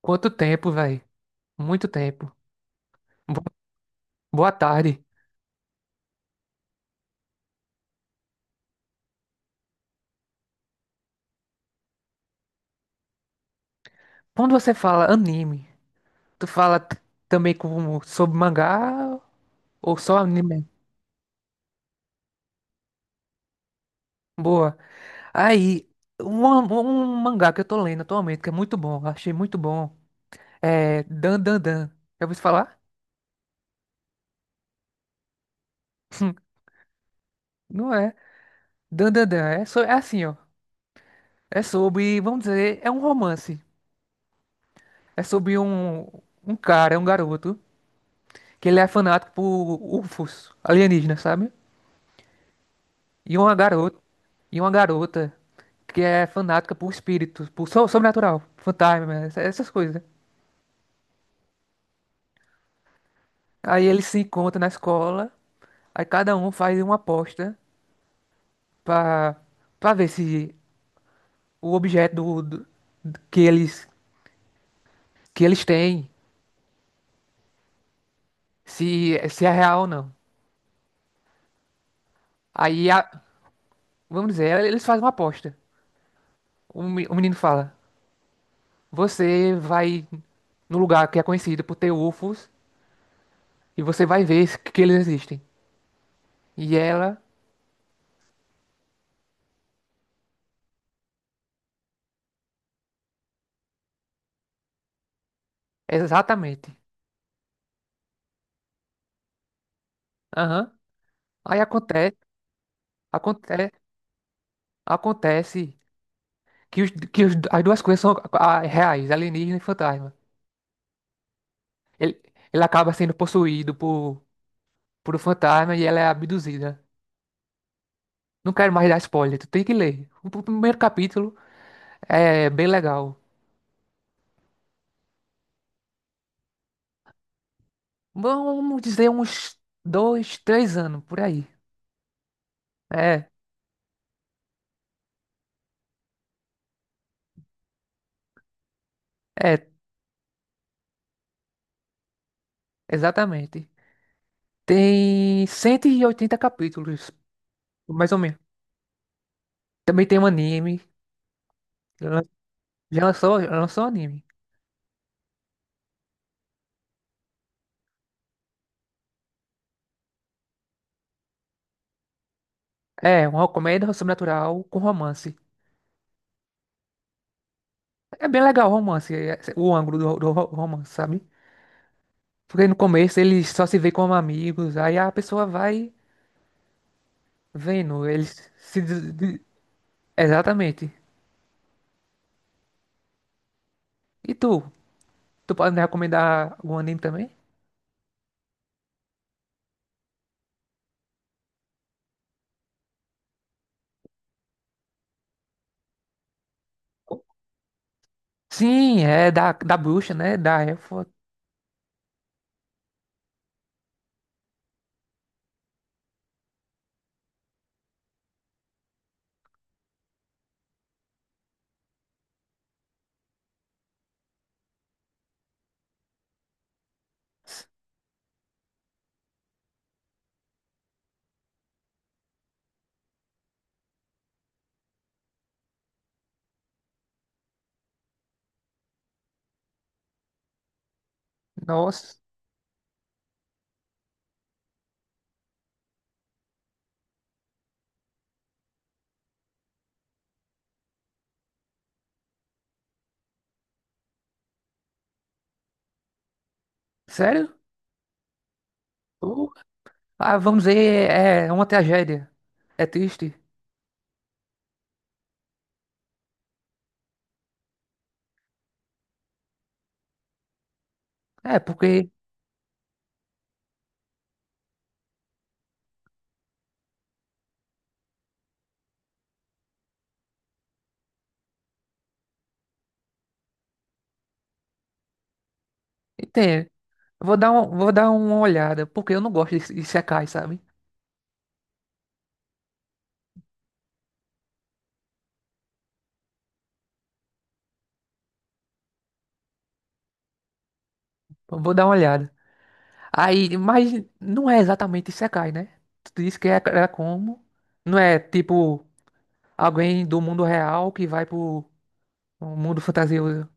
Quanto tempo, velho? Muito tempo. Bo- Boa tarde. Quando você fala anime, tu fala t- também como sobre mangá ou só anime? Boa. Aí, um mangá que eu tô lendo atualmente, que é muito bom, achei muito bom, é Dan Dan Dan. Já ouviu falar? Não é. Dan Dan Dan. É assim, ó. É sobre, vamos dizer, é um romance. É sobre um cara, um garoto, que ele é fanático por UFOs, alienígenas, sabe? E uma garota, e uma garota que é fanática por espíritos, por sobrenatural, fantasma, essas coisas, né? Aí eles se encontram na escola, aí cada um faz uma aposta pra para ver se o objeto que eles que eles têm, se se é real ou não. Aí a- Vamos dizer, eles fazem uma aposta. O menino fala: "Você vai no lugar que é conhecido por ter UFOs e você vai ver que eles existem". E ela. Exatamente. Aham. Aí acontece, acontece, acontece que que as duas coisas são reais, alienígena e fantasma. Ele, ele acaba sendo possuído por um fantasma e ela é abduzida. Não quero mais dar spoiler, tu tem que ler. Primeiro capítulo é bem legal. Vamos dizer uns dois, três anos, por aí. É, é, exatamente. Tem 180 capítulos, mais ou menos. Também tem um anime. lan- Já lançou, lançou um anime. É, uma comédia sobrenatural com romance. É bem legal o romance, é, o ângulo do romance, sabe? Porque no começo eles só se vê como amigos, aí a pessoa vai vendo, eles se... Exatamente. E tu? Tu pode me recomendar o anime também? Sim, é da bruxa, né? Da elfa. Nossa, sério? Uh, Ah, vamos dizer, é uma tragédia. É triste. É, porque... Entende? Vou dar uma olhada, porque eu não gosto de Isekai, sabe? Vou dar uma olhada. Aí, mas não é exatamente Isekai, né? Tu disse que é como? Não é tipo alguém do mundo real que vai pro mundo fantasioso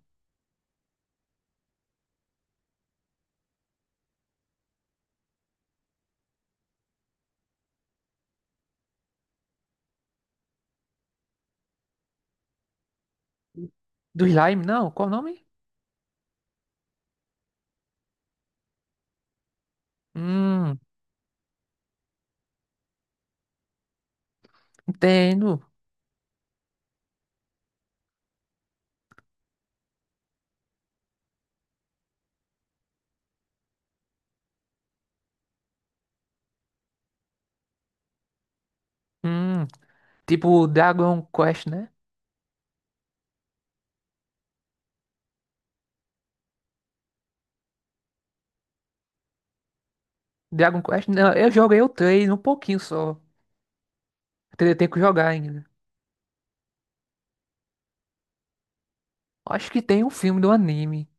do slime, não? Qual o nome? Hum, entendo. Hum, tipo Dragon Quest, né? Dragon Quest, não, eu joguei o trailer um pouquinho só. Tem Tenho que jogar ainda. Acho que tem um filme do anime.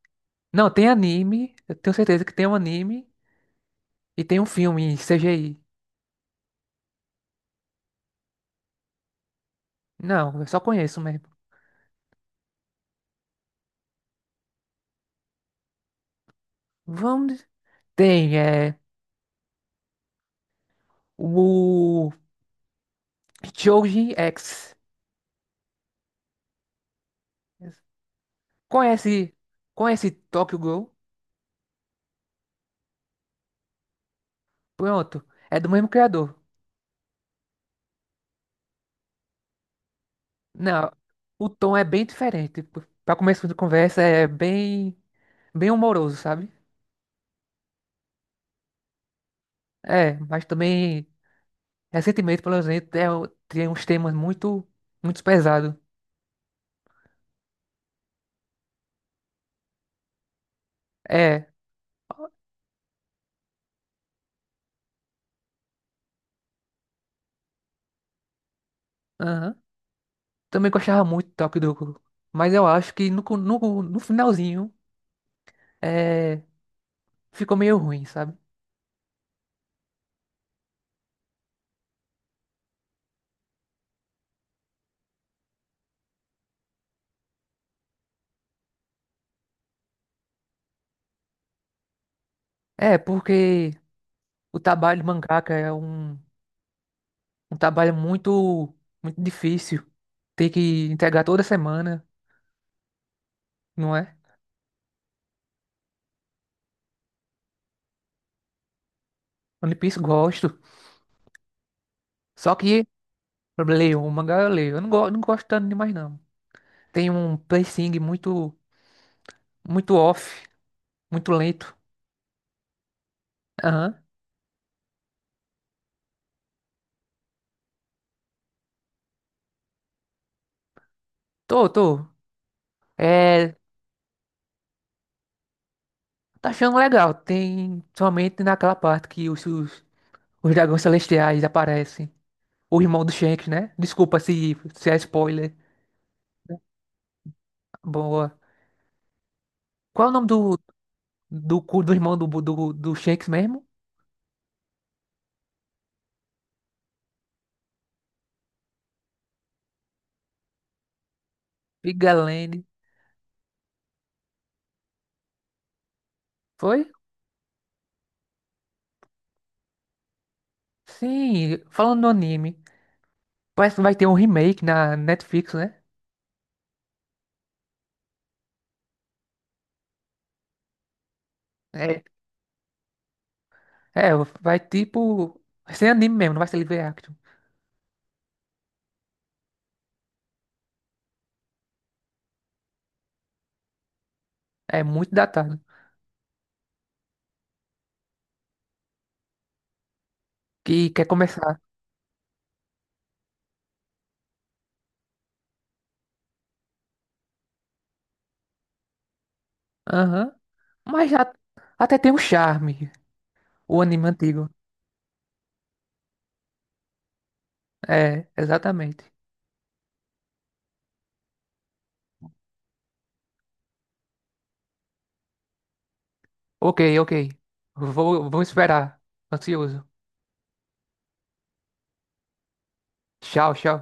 Não, tem anime. Eu tenho certeza que tem um anime. E tem um filme em CGI. Não, eu só conheço mesmo. Vamos. Tem, é. O Shoujin X. Conhece. Conhece Tokyo Ghoul? Pronto. É do mesmo criador. Não, o tom é bem diferente. Pra começo de conversa, é bem. Bem humoroso, sabe? É, mas também. Recentemente, pelo exemplo, é, tem uns temas muito. Muito pesados. É. Também gostava muito do Toque do. Mas eu acho que no finalzinho é, ficou meio ruim, sabe? É, porque o trabalho de mangaka é um trabalho muito, muito difícil. Tem que entregar toda semana, não é? One Piece gosto. Só que o mangá eu leio. Eu não, go, não gosto tanto demais, não. Tem um pacing muito, muito off, muito lento. Aham. Tô, tô. É, tá achando legal. Tem somente naquela parte que os. Os dragões celestiais aparecem. O irmão do Shanks, né? Desculpa se é spoiler. Boa. Qual é o nome do irmão do Shanks mesmo? Vigalene. Foi? Sim, falando no anime. Parece que vai ter um remake na Netflix, né? É, é, vai tipo. Vai ser anime mesmo, não vai ser live action. É muito datado. Que quer começar. Aham. Mas já, até tem um charme. O anime antigo. É, exatamente. Ok, ok. Vou esperar. Ansioso. Tchau, tchau.